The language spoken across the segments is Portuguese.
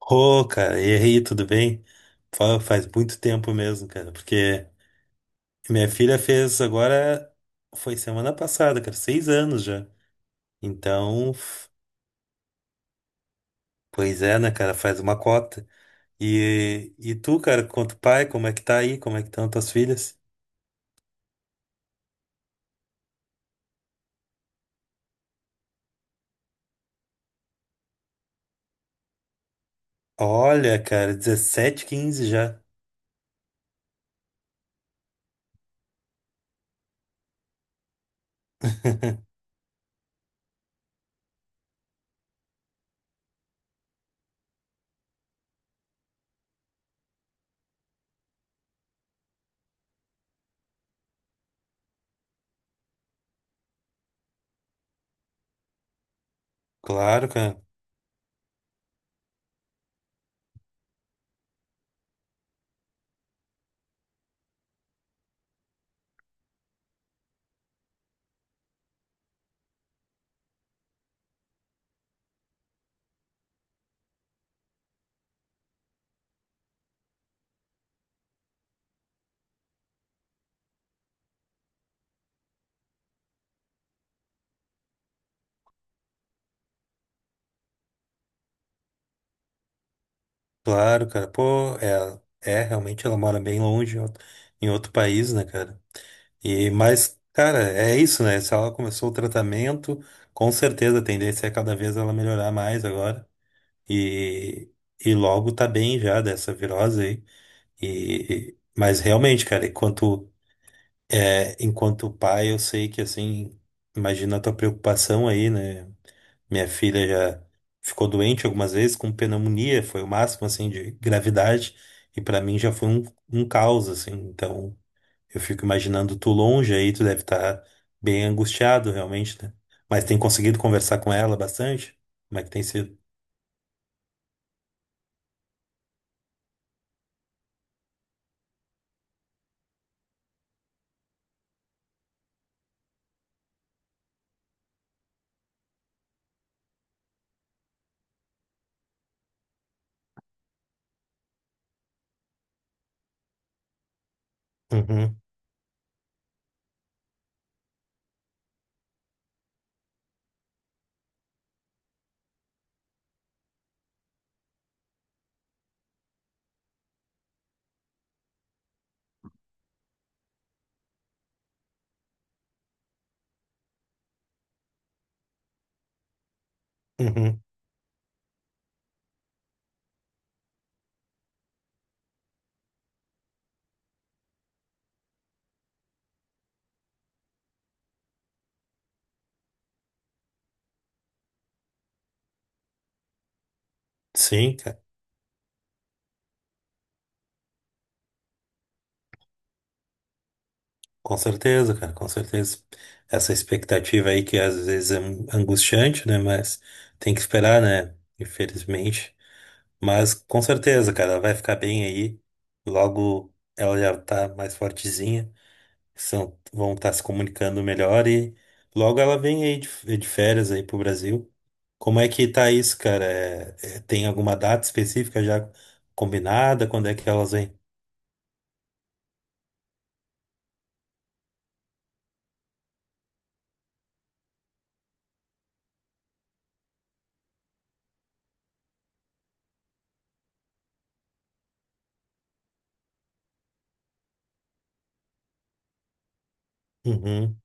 Ô, cara, errei, tudo bem? Faz muito tempo mesmo, cara, porque minha filha fez agora, foi semana passada, cara, 6 anos já. Então, pois é, né, cara, faz uma cota. E tu, cara, quanto pai, como é que tá aí? Como é que estão tuas filhas? Olha, cara, 17, 15 já. Claro, cara. Claro, cara. Pô, é, é realmente ela mora bem longe, em outro país, né, cara? E, mas, cara, é isso, né? Se ela começou o tratamento, com certeza a tendência é cada vez ela melhorar mais agora. E, e logo tá bem já dessa virose aí. E, mas realmente, cara, enquanto, é, enquanto pai, eu sei que, assim, imagina a tua preocupação aí, né? Minha filha já ficou doente algumas vezes com pneumonia, foi o máximo assim de gravidade, e pra mim já foi um, um caos assim. Então, eu fico imaginando tu longe aí, tu deve estar bem angustiado realmente, né? Mas tem conseguido conversar com ela bastante? Como é que tem sido? Uhum, uhum. Sim, cara, com certeza, cara, com certeza. Essa expectativa aí que às vezes é angustiante, né? Mas tem que esperar, né? Infelizmente. Mas com certeza, cara, ela vai ficar bem aí. Logo ela já tá mais fortezinha. São, vão estar se comunicando melhor e logo ela vem aí de férias aí pro Brasil. Como é que tá isso, cara? Tem alguma data específica já combinada? Quando é que elas vêm? Uhum.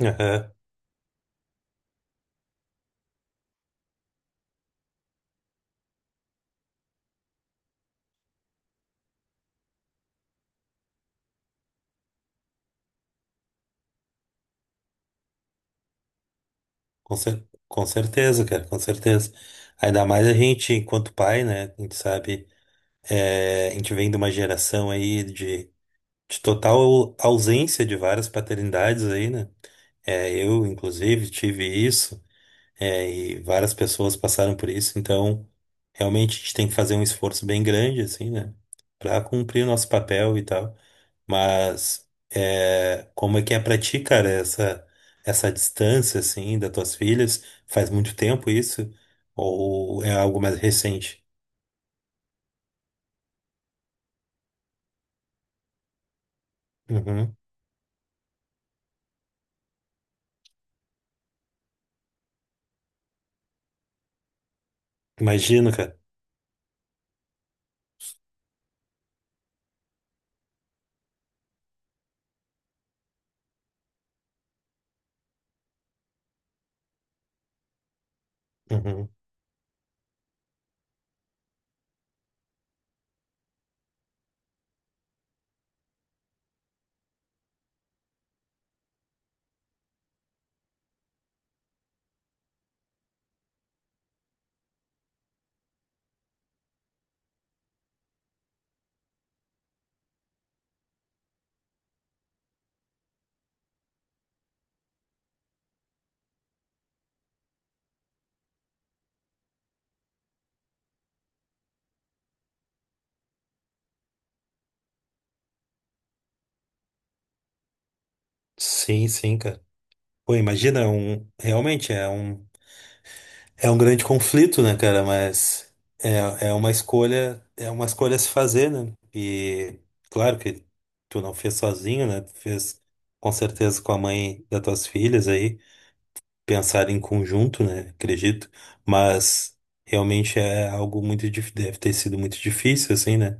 Aham. Com certeza, cara, com certeza. Ainda mais a gente, enquanto pai, né? A gente sabe, é, a gente vem de uma geração aí de total ausência de várias paternidades aí, né? É, eu, inclusive, tive isso, é, e várias pessoas passaram por isso, então realmente a gente tem que fazer um esforço bem grande, assim, né? Pra cumprir o nosso papel e tal. Mas é, como é que é pra ti, cara, essa distância, assim, das tuas filhas? Faz muito tempo isso? Ou é algo mais recente? Uhum. Imagino, cara. Uhum. Sim, sim, cara. Pô, imagina, é um, realmente é um grande conflito, né, cara? Mas é, é uma escolha a se fazer, né? E claro que tu não fez sozinho, né? Tu fez com certeza com a mãe das tuas filhas aí, pensar em conjunto, né? Acredito. Mas realmente é algo muito, deve ter sido muito difícil, assim, né?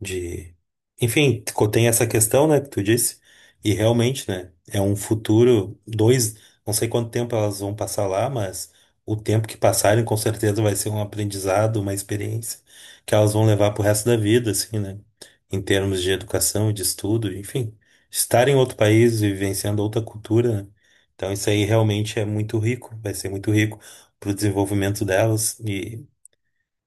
De, enfim, tem essa questão, né, que tu disse, e realmente, né, é um futuro, dois, não sei quanto tempo elas vão passar lá, mas o tempo que passarem com certeza vai ser um aprendizado, uma experiência que elas vão levar pro resto da vida, assim, né, em termos de educação e de estudo, enfim, estar em outro país e vivenciando outra cultura, né, então isso aí realmente é muito rico, vai ser muito rico pro desenvolvimento delas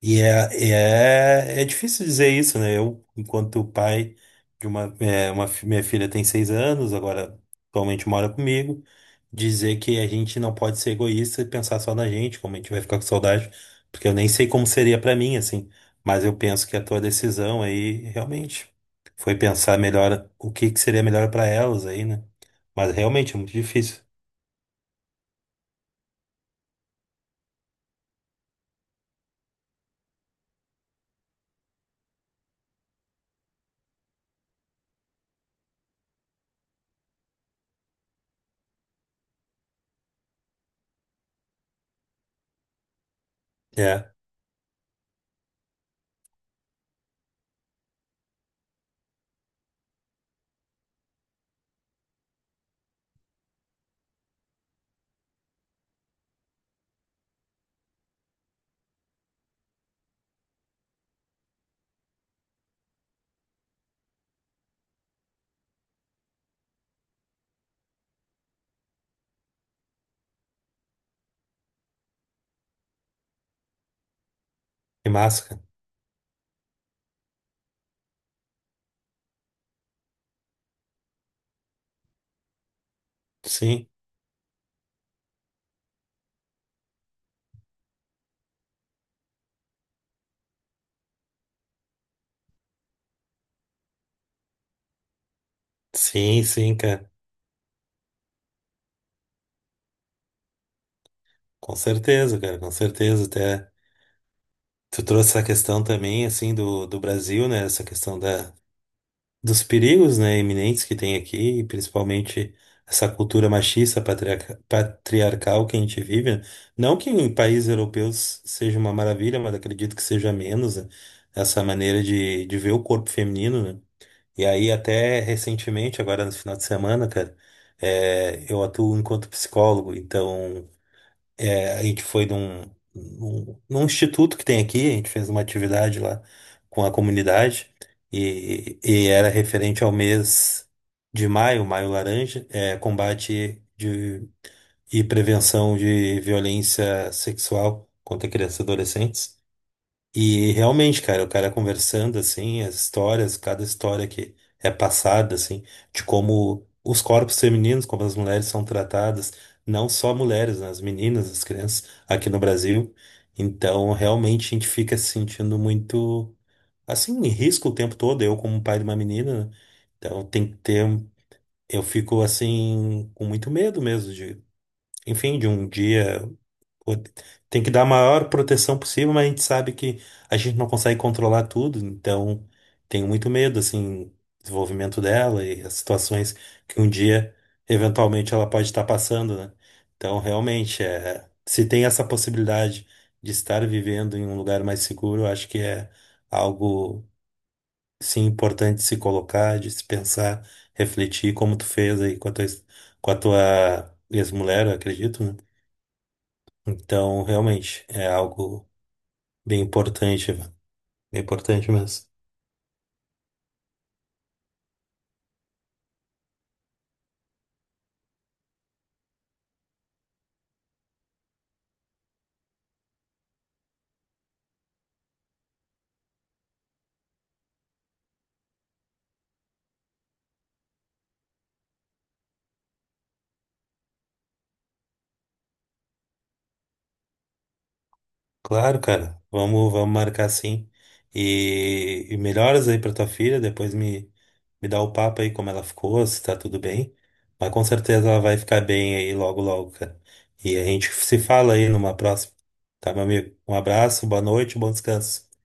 e é difícil dizer isso, né? Eu, enquanto pai de uma, é, uma minha filha tem 6 anos, agora atualmente mora comigo, dizer que a gente não pode ser egoísta e pensar só na gente, como a gente vai ficar com saudade, porque eu nem sei como seria pra mim, assim. Mas eu penso que a tua decisão aí realmente foi pensar melhor o que que seria melhor pra elas aí, né? Mas realmente é muito difícil. É, que máscara. Sim, sim, sim, cara. Com certeza, cara, com certeza, até. Tu trouxe essa questão também, assim, do, do Brasil, né? Essa questão da, dos perigos, né, iminentes que tem aqui, e principalmente essa cultura machista, patriarcal que a gente vive, né? Não que em países europeus seja uma maravilha, mas acredito que seja menos, né? Essa maneira de ver o corpo feminino, né? E aí, até recentemente, agora no final de semana, cara, é, eu atuo enquanto psicólogo, então. É, a gente foi num, num, num instituto que tem aqui, a gente fez uma atividade lá com a comunidade e era referente ao mês de maio, Maio Laranja, é, combate de, e prevenção de violência sexual contra crianças e adolescentes. E realmente, cara, o cara conversando assim, as histórias, cada história que é passada, assim, de como os corpos femininos, como as mulheres são tratadas, não só mulheres, né, as meninas, as crianças aqui no Brasil. Então, realmente a gente fica se sentindo muito assim, em risco o tempo todo, eu como pai de uma menina, né? Então tem que ter, eu fico assim com muito medo mesmo de, enfim, de um dia, pô, tem que dar a maior proteção possível, mas a gente sabe que a gente não consegue controlar tudo, então tenho muito medo, assim, do desenvolvimento dela e as situações que um dia, eventualmente, ela pode estar passando, né? Então, realmente, é, se tem essa possibilidade de estar vivendo em um lugar mais seguro, eu acho que é algo, sim, importante de se colocar, de se pensar, refletir, como tu fez aí com a tua ex-mulher, eu acredito, né? Então, realmente, é algo bem importante, velho. Bem importante mesmo. Claro, cara, vamos, vamos marcar sim. E melhoras aí pra tua filha, depois me, me dá o papo aí como ela ficou, se tá tudo bem. Mas com certeza ela vai ficar bem aí logo, logo, cara. E a gente se fala aí numa próxima. Tá, meu amigo? Um abraço, boa noite, bom descanso.